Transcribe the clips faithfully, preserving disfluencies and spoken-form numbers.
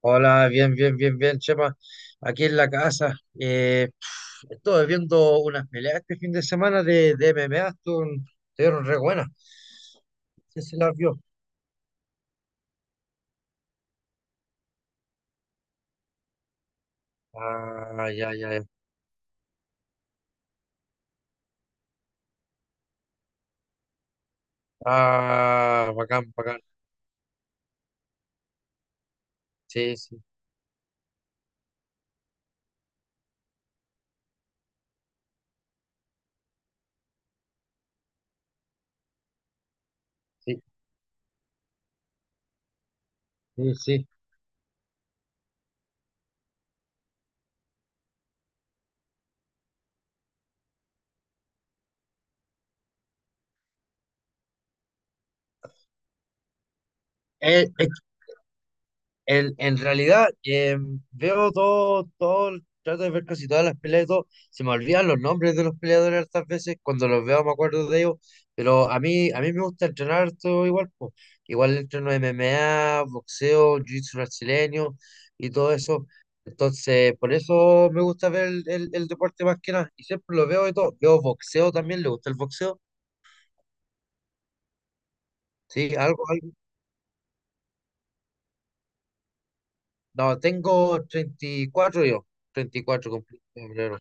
Hola, bien, bien, bien, bien, Chema. Aquí en la casa. Eh, pf, estuve viendo unas peleas este fin de semana de, de M M A. Estuvieron, estuvieron re buenas. No sé si las vio. Ah, ya, ya, ya. Ah, bacán, bacán. Sí, sí, sí, sí, sí. Eh, Es, El- en realidad, eh, veo todo, todo, trato de ver casi todas las peleas y todo. Se me olvidan los nombres de los peleadores hartas veces, cuando los veo me acuerdo de ellos, pero a mí, a mí me gusta entrenar todo igual, po. Igual entreno M M A, boxeo, jiu-jitsu brasileño y todo eso. Entonces, por eso me gusta ver el, el- el deporte más que nada. Y siempre lo veo y todo. Veo boxeo también, le gusta el boxeo. Sí, algo, algo. No, tengo treinta y cuatro yo, treinta y cuatro cumplí en febrero.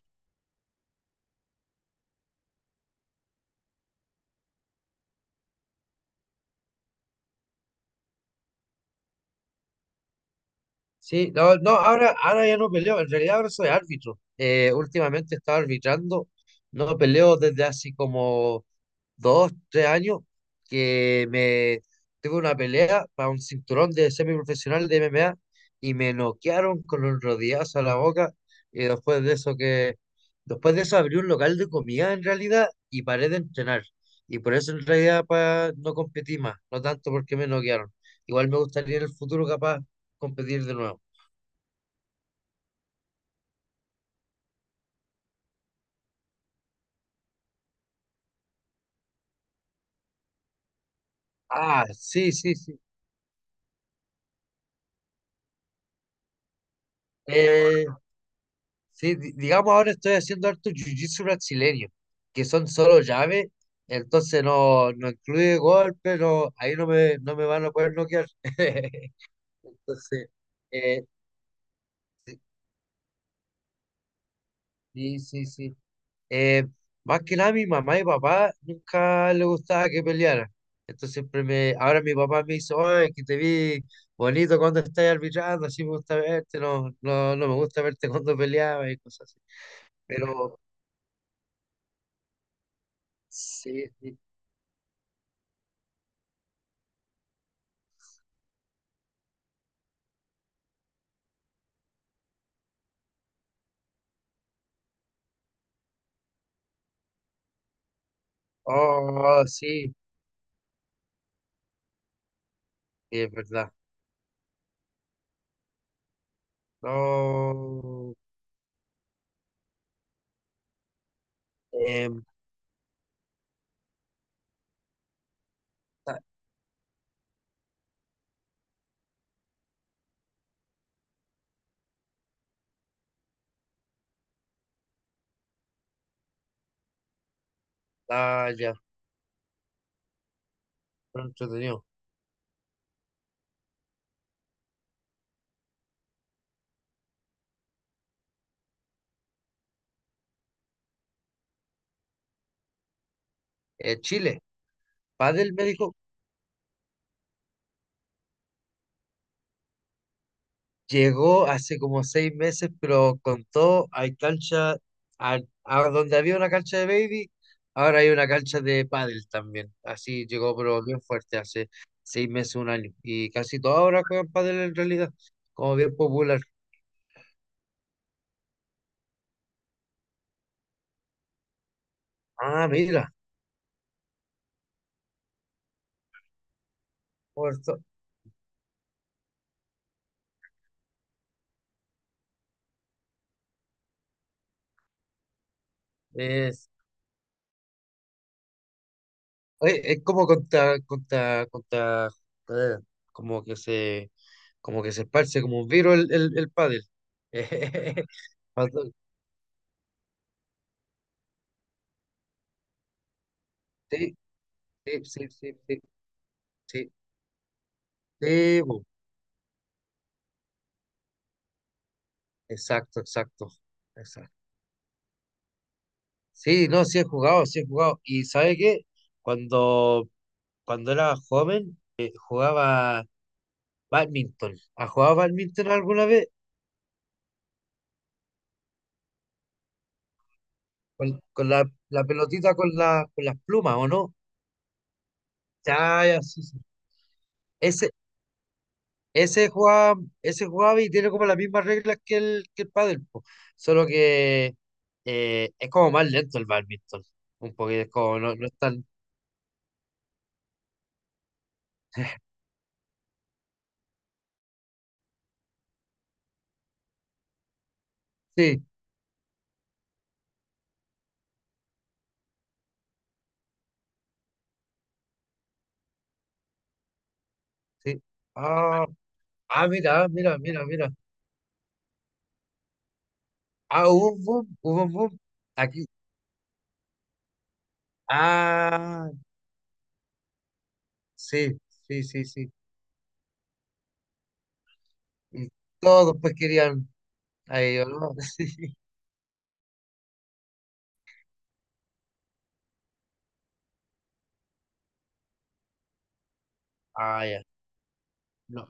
Sí, no, no, ahora, ahora ya no peleo, en realidad ahora soy árbitro. Eh, últimamente he estado arbitrando, no peleo desde hace como dos, tres años, que me tuve una pelea para un cinturón de semiprofesional de M M A y me noquearon con un rodillazo a la boca. Y después de eso que, después de eso abrí un local de comida en realidad y paré de entrenar. Y por eso en realidad pa, no competí más, no tanto porque me noquearon. Igual me gustaría en el futuro capaz competir de nuevo. Ah, sí, sí, sí. Eh, sí, di- digamos ahora estoy haciendo harto jiu-jitsu brasileño, que son solo llaves, entonces no, no incluye golpe, no, ahí no me, no me van a poder noquear. Entonces, eh, sí, sí, sí. Eh, Más que nada mi mamá y papá nunca le gustaba que peleara. Entonces siempre me, ahora mi papá me dice, oye, que te vi bonito cuando estás arbitrando, así me gusta verte, no, no, no me gusta verte cuando peleabas y cosas así. Pero sí, sí. Oh, sí, sí, es verdad. No, em, ta- ah, ya, pero entretenido. Eh, Chile. Padel me dijo, llegó hace como seis meses, pero contó, hay cancha, a, a donde había una cancha de baby, ahora hay una cancha de pádel también. Así llegó, pero bien fuerte, hace seis meses, un año. Y casi todos ahora juegan pádel en realidad, como bien popular. Ah, mira, por eso. eh, Oye, es como contra, contra, contra, eh, como que se, como que se esparce como un virus el, el, el pádel. Cuando- Sí, sí, sí, sí, sí, sí, sí, bu, exacto, exacto, exacto. Sí, no, sí he jugado, sí he jugado. Y ¿sabe qué? Cuando, cuando era joven, eh, jugaba badminton. ¿Has jugado badminton alguna vez? Con, con la, la pelotita con la, con las plumas, ¿o no? Ya, ya, sí, sí. Ese, Ese juega, Ese jugaba y tiene como las mismas reglas que el, que el pádel, po. Solo que eh, es como más lento el bádminton. Un poquito, es como no, no es tan. Sí, sí. Ah, ah, mira, ah, mira, mira, mira. Ah, hubo un boom, hubo un boom. Aquí. Ah, sí, sí, sí, sí. Y todos pues querían a ellos, ¿no? Sí. Ah, ya. No.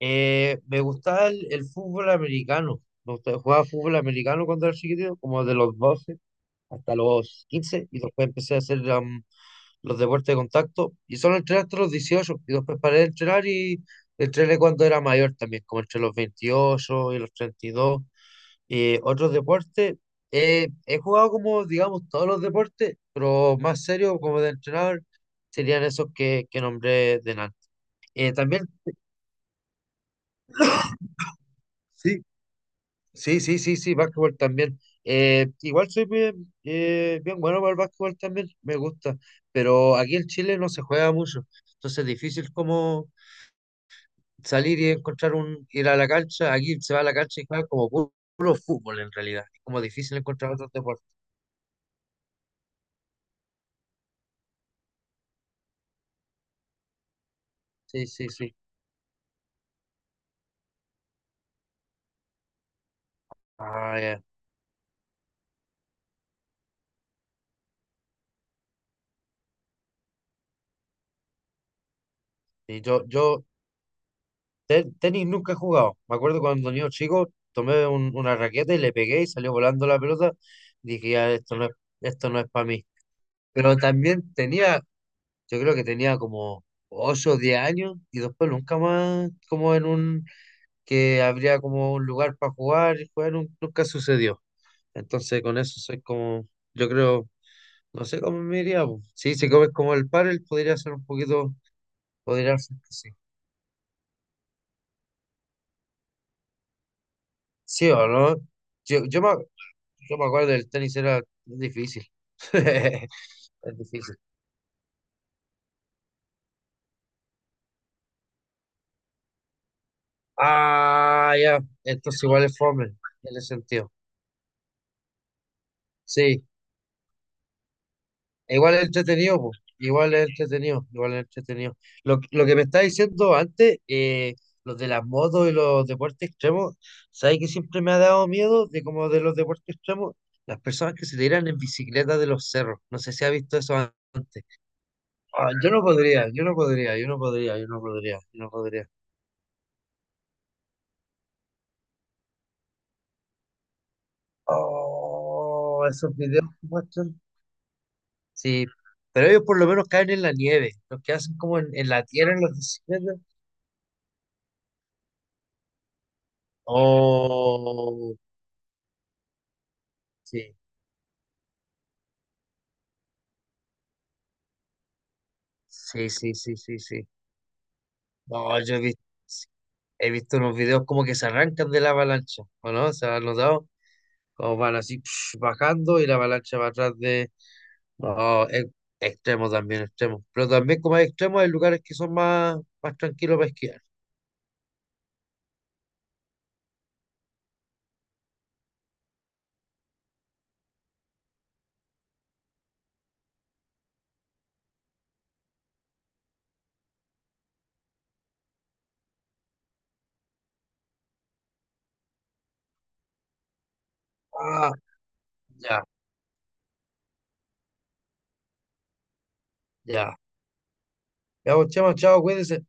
Eh, me gustaba el, el fútbol americano. Me gustaba, jugaba fútbol americano cuando era chiquitito, como de los doce hasta los quince y después empecé a hacer um, los deportes de contacto y solo entrené hasta los dieciocho y después paré de entrenar y entrené cuando era mayor también, como entre los veintiocho y los treinta y dos y otros deportes. Eh, he jugado como, digamos, todos los deportes, pero más serio como de entrenar serían esos que, que nombré de antes. Eh, también, sí, sí, sí, sí, sí, básquetbol también. Eh, igual soy bien, eh, bien bueno para el básquetbol también, me gusta, pero aquí en Chile no se juega mucho, entonces es difícil como salir y encontrar un, ir a la cancha, aquí se va a la cancha y juega como pu- puro, fútbol en realidad, es como difícil encontrar otros deportes. Sí, sí, sí. Ah, ya. Y yo, yo te- tenis nunca he jugado, me acuerdo cuando niño chico tomé un- una raqueta y le pegué y salió volando la pelota, dije ya, esto no es, esto no es para mí, pero también tenía, yo creo que tenía como ocho o diez años y después nunca más como en un que habría como un lugar para jugar y jugar nun- nunca sucedió. Entonces con eso soy como, yo creo, no sé cómo me iría, po. Sí, si comes como el pádel podría ser un poquito, podría ser que sí. Sí o no. Yo, yo me, yo me acuerdo del tenis era difícil. Es difícil. Ah, ya. Entonces igual es fome en ese sentido. Sí, igual es entretenido, po. Igual es entretenido, igual es entretenido. Lo, lo que me estaba diciendo antes, eh, los de las motos y los deportes extremos, ¿sabes que siempre me ha dado miedo de como de los deportes extremos? Las personas que se tiran en bicicleta de los cerros. No sé si has visto eso antes. Ah, yo no podría, yo no podría, yo no podría, yo no podría, yo no podría. Oh, esos videos que muestran. Sí, pero ellos por lo menos caen en la nieve. Los que hacen como en, en la tierra en las bicicletas. Oh, sí, sí, sí, sí, sí, sí. No, yo he visto, he visto unos videos como que se arrancan de la avalancha, ¿o no? ¿Se han notado? Como van así bajando y la avalancha va atrás de... No, es extremo también, extremo. Pero también como hay extremos, hay lugares que son más, más tranquilos para esquiar. Ah, ya, ya. Ya, pues, chamo, chao, cuídense.